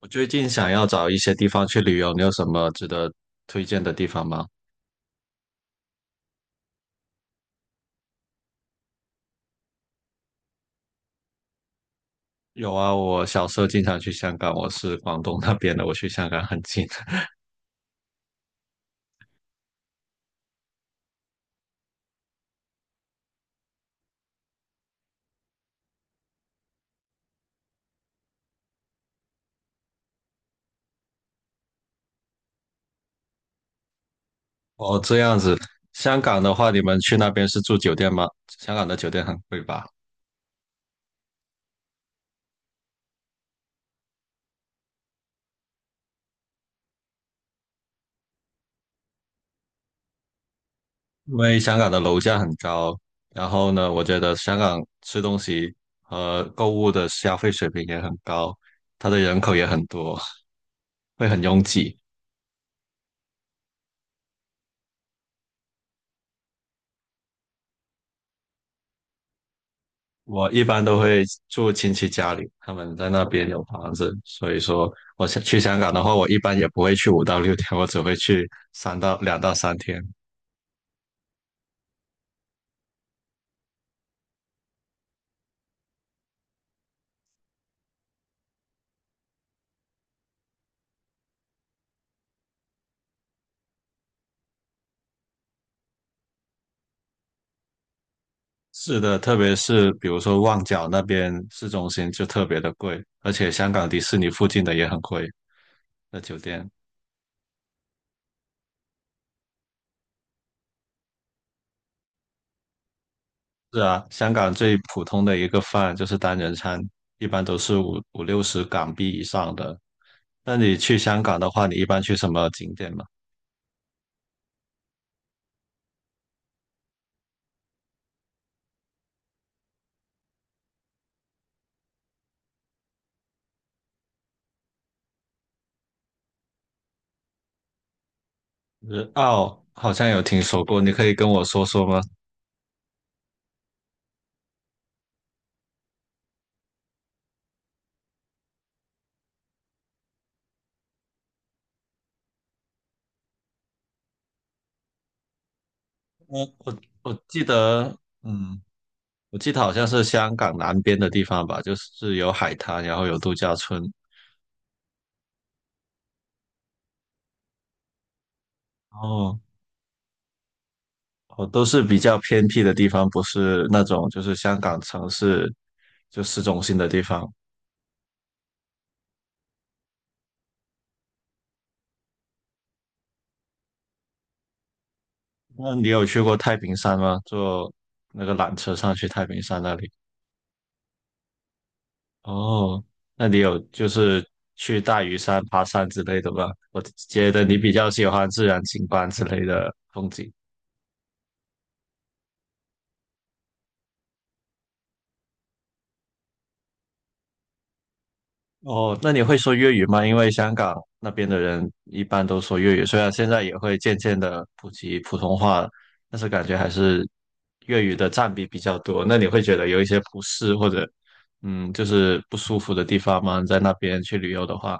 我最近想要找一些地方去旅游，你有什么值得推荐的地方吗？有啊，我小时候经常去香港，我是广东那边的，我去香港很近。哦，这样子，香港的话，你们去那边是住酒店吗？香港的酒店很贵吧？因为香港的楼价很高，然后呢，我觉得香港吃东西和购物的消费水平也很高，它的人口也很多，会很拥挤。我一般都会住亲戚家里，他们在那边有房子，所以说我想去香港的话，我一般也不会去5到6天，我只会去2到3天。是的，特别是比如说旺角那边市中心就特别的贵，而且香港迪士尼附近的也很贵，那酒店。是啊，香港最普通的一个饭就是单人餐，一般都是五六十港币以上的。那你去香港的话，你一般去什么景点吗？日澳好像有听说过，你可以跟我说说吗？我记得，嗯，我记得好像是香港南边的地方吧，就是有海滩，然后有度假村，哦哦，都是比较偏僻的地方，不是那种就是香港城市就市中心的地方。那你有去过太平山吗？坐那个缆车上去太平山那里？哦，那你有就是去大屿山爬山之类的吗？我觉得你比较喜欢自然景观之类的风景。哦，那你会说粤语吗？因为香港那边的人一般都说粤语，虽然现在也会渐渐的普及普通话了，但是感觉还是粤语的占比比较多。那你会觉得有一些不适或者就是不舒服的地方吗？在那边去旅游的话，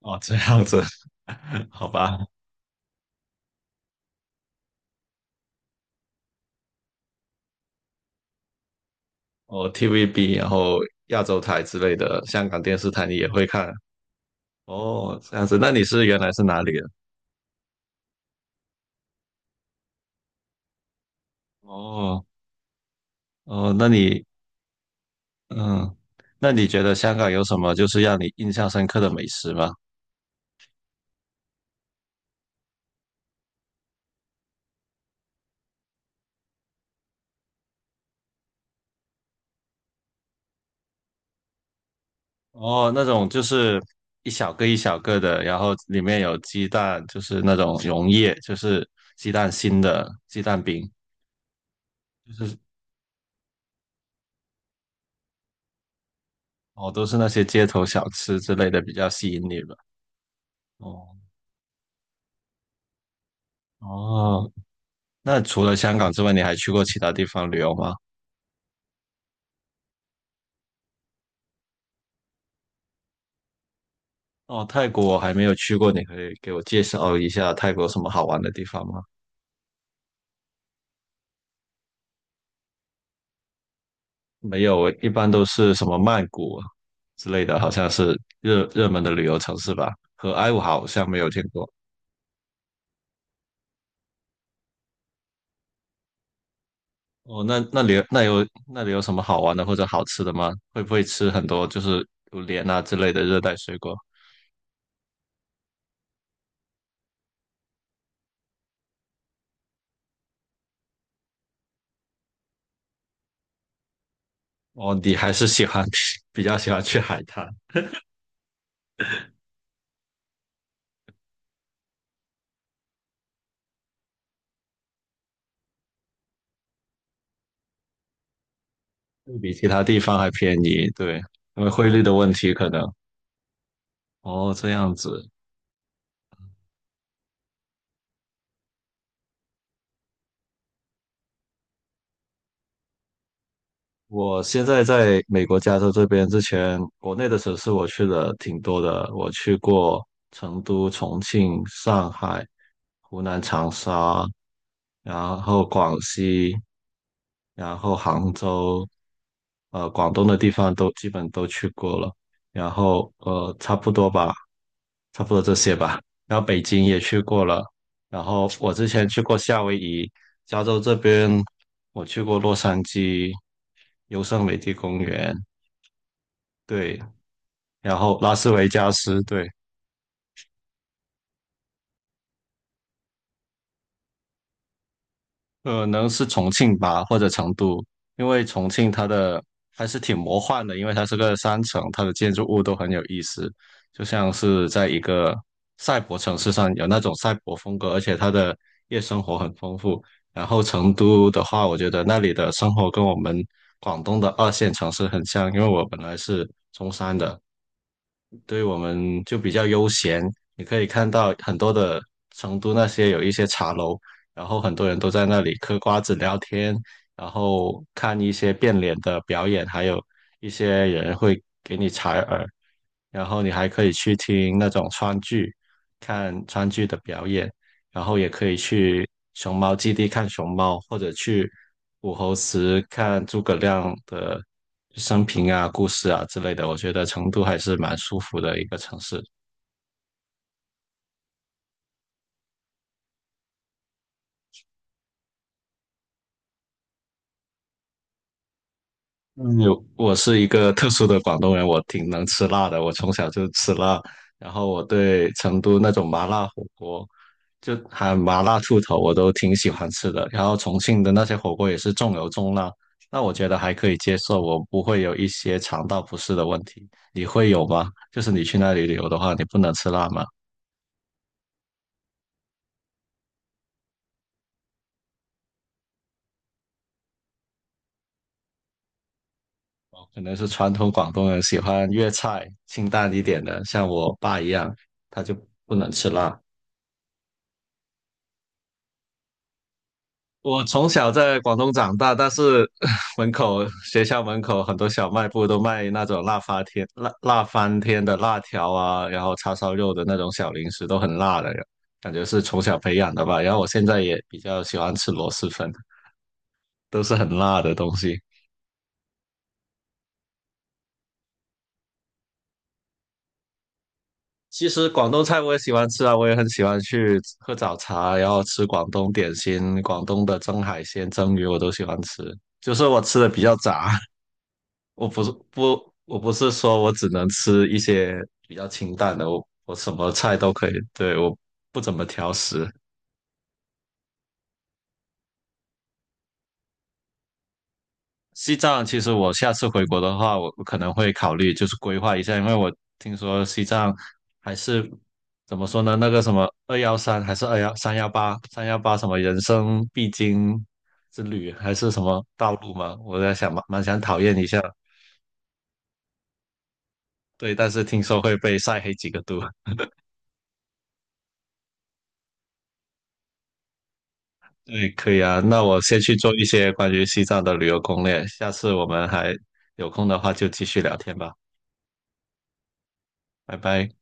哦，这样子，好吧。哦，TVB，然后亚洲台之类的，香港电视台你也会看哦，这样子。那你是原来是哪里人？哦哦，那你嗯，那你觉得香港有什么就是让你印象深刻的美食吗？哦，那种就是一小个一小个的，然后里面有鸡蛋，就是那种溶液，就是鸡蛋心的鸡蛋饼，就是哦，都是那些街头小吃之类的比较吸引你吧？哦哦，那除了香港之外，你还去过其他地方旅游吗？哦，泰国我还没有去过，你可以给我介绍一下泰国有什么好玩的地方吗？没有，一般都是什么曼谷啊之类的，好像是热门的旅游城市吧。和埃武好像没有见过。哦，那那里有那有那里有什么好玩的或者好吃的吗？会不会吃很多就是榴莲啊之类的热带水果？哦，你还是喜欢 比较喜欢去海滩，会比其他地方还便宜，对，因为汇率的问题可能。哦，这样子。我现在在美国加州这边，之前国内的城市我去了挺多的，我去过成都、重庆、上海、湖南长沙，然后广西。然后杭州，广东的地方都基本都去过了，然后差不多吧，差不多这些吧。然后北京也去过了，然后我之前去过夏威夷，加州这边我去过洛杉矶、优胜美地公园，对，然后拉斯维加斯，对。可能是重庆吧，或者成都，因为重庆它的还是挺魔幻的，因为它是个山城，它的建筑物都很有意思，就像是在一个赛博城市上有那种赛博风格，而且它的夜生活很丰富。然后成都的话，我觉得那里的生活跟我们广东的二线城市很像，因为我本来是中山的，对我们就比较悠闲。你可以看到很多的成都那些有一些茶楼，然后很多人都在那里嗑瓜子聊天，然后看一些变脸的表演，还有一些人会给你采耳，然后你还可以去听那种川剧，看川剧的表演，然后也可以去熊猫基地看熊猫，或者去武侯祠看诸葛亮的生平啊、故事啊之类的，我觉得成都还是蛮舒服的一个城市。嗯，有我是一个特殊的广东人，我挺能吃辣的，我从小就吃辣，然后我对成都那种麻辣火锅，就喊麻辣兔头，我都挺喜欢吃的。然后重庆的那些火锅也是重油重辣，那我觉得还可以接受，我不会有一些肠道不适的问题。你会有吗？就是你去那里旅游的话，你不能吃辣吗？哦，可能是传统广东人喜欢粤菜，清淡一点的，像我爸一样，他就不能吃辣。我从小在广东长大，但是 门口学校门口很多小卖部都卖那种辣翻天、辣辣翻天的辣条啊，然后叉烧肉的那种小零食都很辣的，感觉是从小培养的吧。然后我现在也比较喜欢吃螺蛳粉，都是很辣的东西。其实广东菜我也喜欢吃啊，我也很喜欢去喝早茶，然后吃广东点心，广东的蒸海鲜、蒸鱼我都喜欢吃。就是我吃的比较杂，我不是说我只能吃一些比较清淡的，我什么菜都可以，对，我不怎么挑食。西藏其实我下次回国的话，我可能会考虑就是规划一下，因为我听说西藏还是怎么说呢？那个什么二幺三还是21318三幺八什么人生必经之旅还是什么道路嘛？我在想蛮想讨厌一下，对，但是听说会被晒黑几个度。对，可以啊，那我先去做一些关于西藏的旅游攻略，下次我们还有空的话就继续聊天吧，拜拜。